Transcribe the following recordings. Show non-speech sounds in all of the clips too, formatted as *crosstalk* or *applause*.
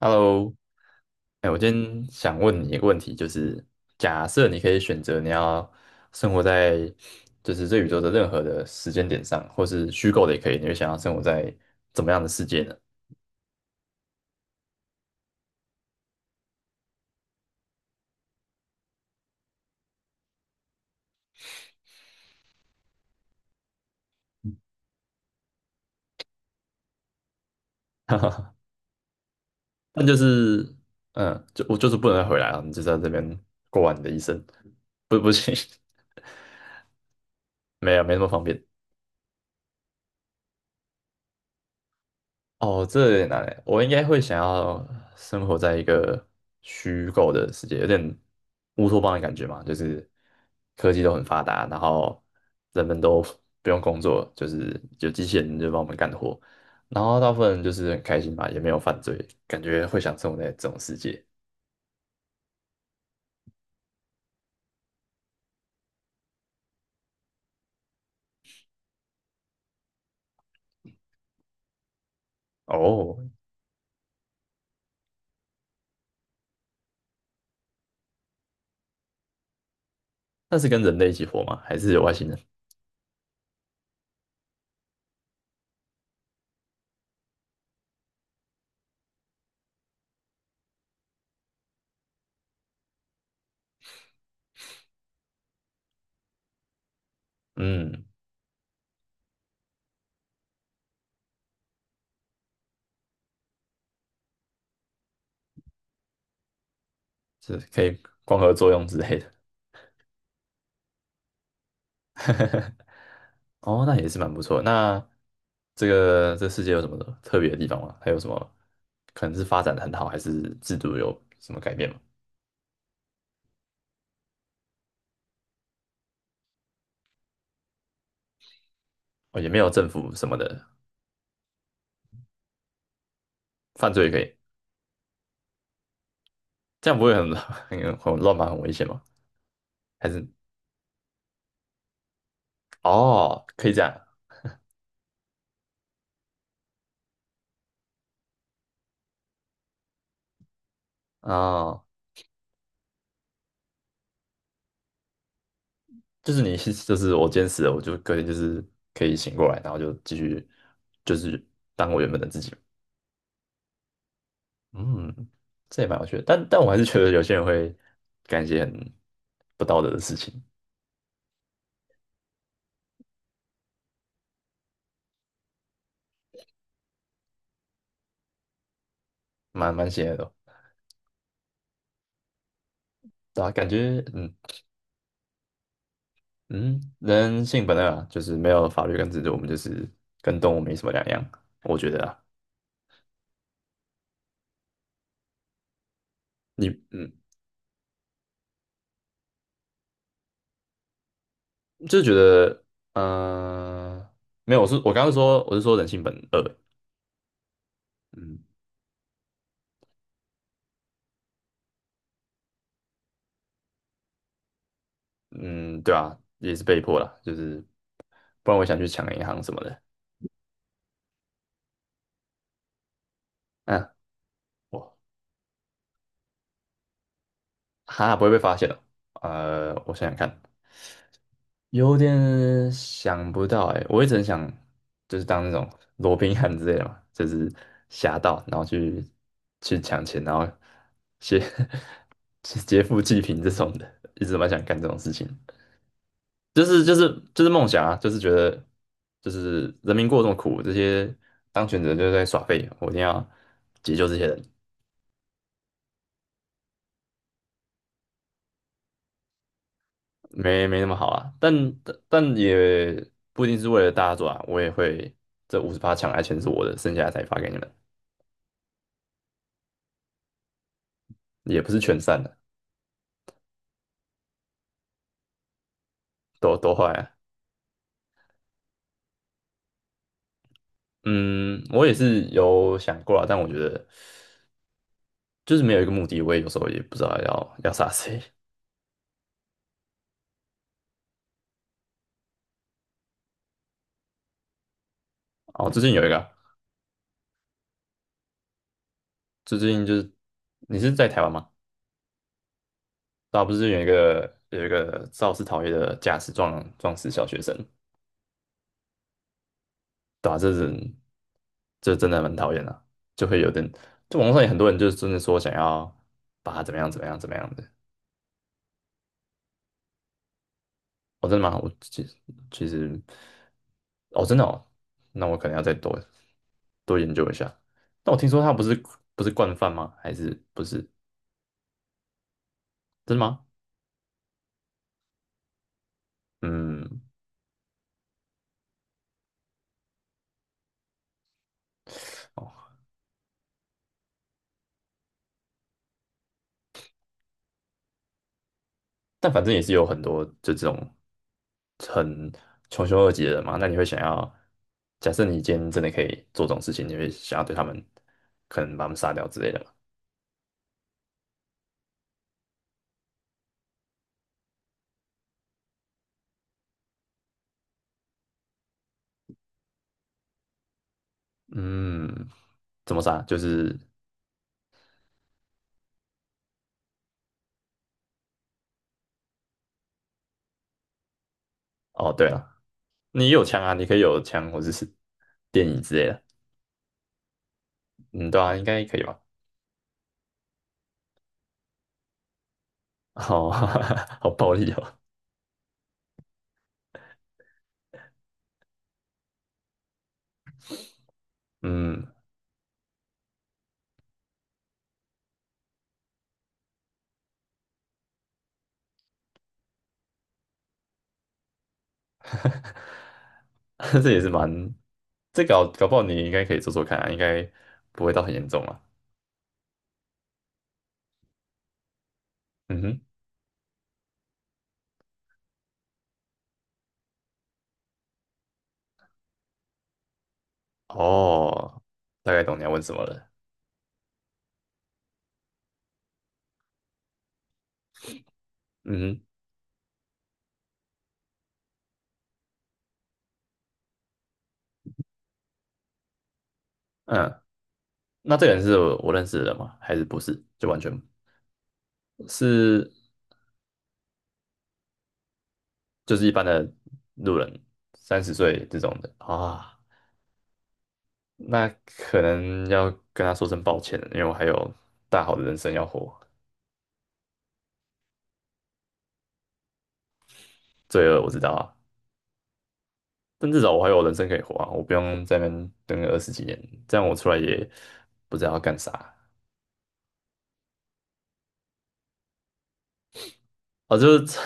Hello，哎，我今天想问你一个问题，就是假设你可以选择你要生活在就是这宇宙的任何的时间点上，或是虚构的也可以，你会想要生活在怎么样的世界呢？*laughs* 但就是嗯，就我就是不能再回来了，你就是在这边过完你的一生，不行，*laughs* 没有没那么方便。哦，这有点难诶，我应该会想要生活在一个虚构的世界，有点乌托邦的感觉嘛，就是科技都很发达，然后人们都不用工作，就是有机器人就帮我们干活，然后大部分人就是很开心嘛，也没有犯罪，感觉会想生活在这种世界。哦，那是跟人类一起活吗？还是有外星人？嗯，是可以光合作用之类的。哦，那也是蛮不错的那这个这世界有什么特别的地方吗？还有什么可能是发展的很好，还是制度有什么改变吗？哦，也没有政府什么的，犯罪也可以，这样不会很 *laughs* 很很乱吗？很危险吗？还是哦，可以这样哦，就是你 *laughs* 就是我坚持，死了我就可以就是可以醒过来，然后就继续就是当我原本的自己。嗯，这也蛮有趣的，但我还是觉得有些人会干一些很不道德的事情。蛮邪恶的哦对啊，感觉嗯嗯，人性本恶啊，就是没有法律跟制度，我们就是跟动物没什么两样，我觉得啊，你嗯，就是觉得呃，没有，我是说人性本恶，嗯嗯，对啊，也是被迫啦，就是不然我想去抢银行什么的，嗯，我哈不会被发现哦，我想想看，有点想不到哎、我一直很想就是当那种 *laughs* 罗宾汉之类的嘛，就是侠盗，然后去抢钱，然后劫 *laughs* 去劫富济贫这种的，一直蛮想干这种事情，就是梦想啊，就是觉得就是人民过这么苦，这些当权者就是在耍废，我一定要解救这些人，没没那么好啊，但也不一定是为了大家做啊，我也会这58抢来钱是我的，剩下的才发给你们。也不是全善的，都坏啊。嗯，我也是有想过啊，但我觉得就是没有一个目的，我也有时候也不知道要杀谁。哦，最近有一个啊最近就是你是在台湾吗？对啊，不是有一个肇事逃逸的驾驶撞死小学生，对吧？这人这真的蛮讨厌的啊就会有点，就网络上有很多人就是真的说想要把他怎么样怎么样怎么样的，哦，真的吗？我其实其实，哦，真的哦，那我可能要再多研究一下。但我听说他不是不是惯犯吗？还是不是？真的吗？嗯，哦，但反正也是有很多就这种很穷凶恶极的人嘛。那你会想要，假设你今天真的可以做这种事情，你会想要对他们可能把他们杀掉之类的吗？嗯，怎么杀？就是哦，对了，你有枪啊，你可以有枪或者是电椅之类的。嗯，对啊，应该可以吧？好，*laughs* 好暴力哦。嗯，*laughs* 这也是蛮，这搞不好你应该可以做做看啊，应该不会到很严重啊。嗯哼，哦，大概懂你要问什么了。嗯哼，嗯，那这个人是我认识的人吗？还是不是？就完全是就是一般的路人，30岁这种的啊，那可能要跟他说声抱歉了，因为我还有大好的人生要活。罪恶我知道啊，但至少我还有人生可以活啊，我不用在那边等个20几年，这样我出来也不知道要干啥。哦，就是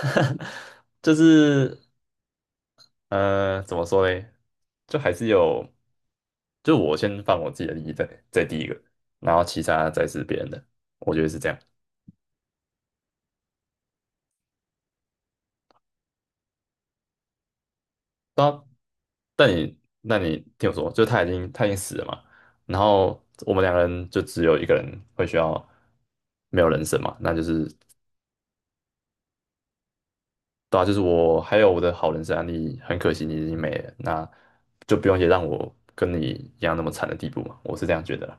*laughs* 就是怎么说嘞？就还是有，就我先放我自己的利益在第一个，然后其他再是别人的，我觉得是这样。那但你那你听我说，就他已经死了嘛，然后我们两个人就只有一个人会需要没有人生嘛，那就是对啊，就是我还有我的好人生案例，很可惜你已经没了，那就不用也让我跟你一样那么惨的地步嘛，我是这样觉得啦。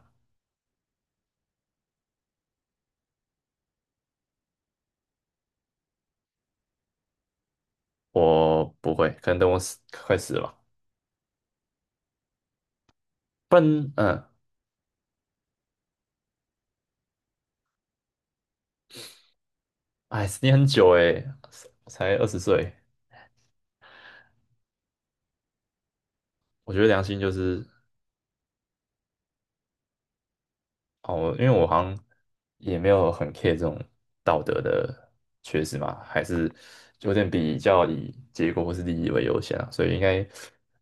我不会，可能等我死快死了吧，不然嗯，哎，你很久诶，才20岁，我觉得良心就是哦，因为我好像也没有很 care 这种道德的缺失嘛，还是有点比较以结果或是利益为优先啊，所以应该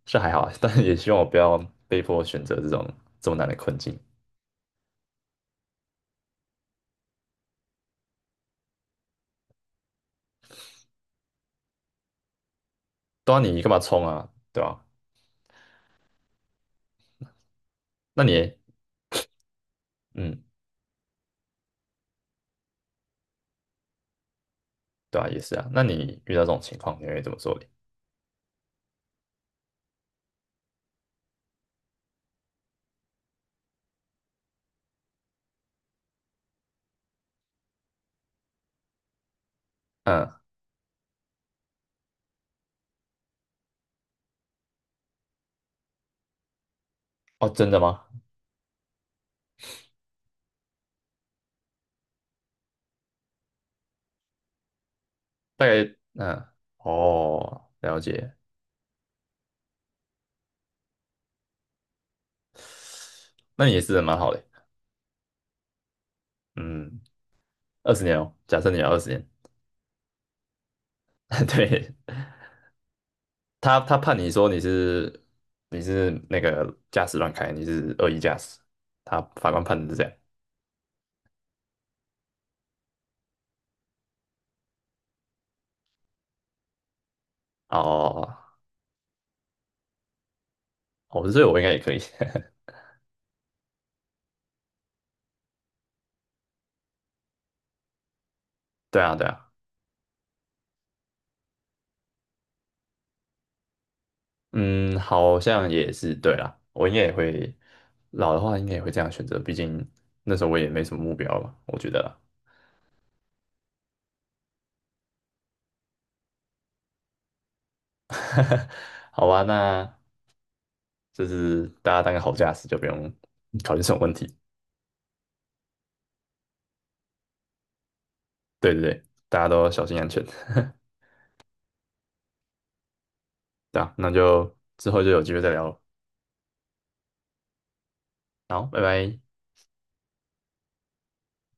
是还好啊 *laughs* 但是也希望我不要被迫选择这种这么难的困境。对啊，你干嘛冲啊？对吧？那你，嗯，对啊，也是啊。那你遇到这种情况，你会怎么做你嗯，哦，真的吗？大概，嗯，哦，了解。那你也是人蛮好的。嗯，二十年哦，假设你要二十年，*laughs* 对，他他判你说你是你是那个驾驶乱开，你是恶意驾驶，他法官判的是这样。哦，哦，哦哦所以我应该也可以。*laughs* 对啊，对啊。嗯，好像也是对啦，我应该也会老的话，应该也会这样选择，毕竟那时候我也没什么目标吧，我觉得啦。*laughs* 好吧，那就是大家当个好驾驶，就不用考虑这种问题。对对对，大家都小心安全。*laughs* 对啊，那就之后就有机会再聊了。好，拜拜。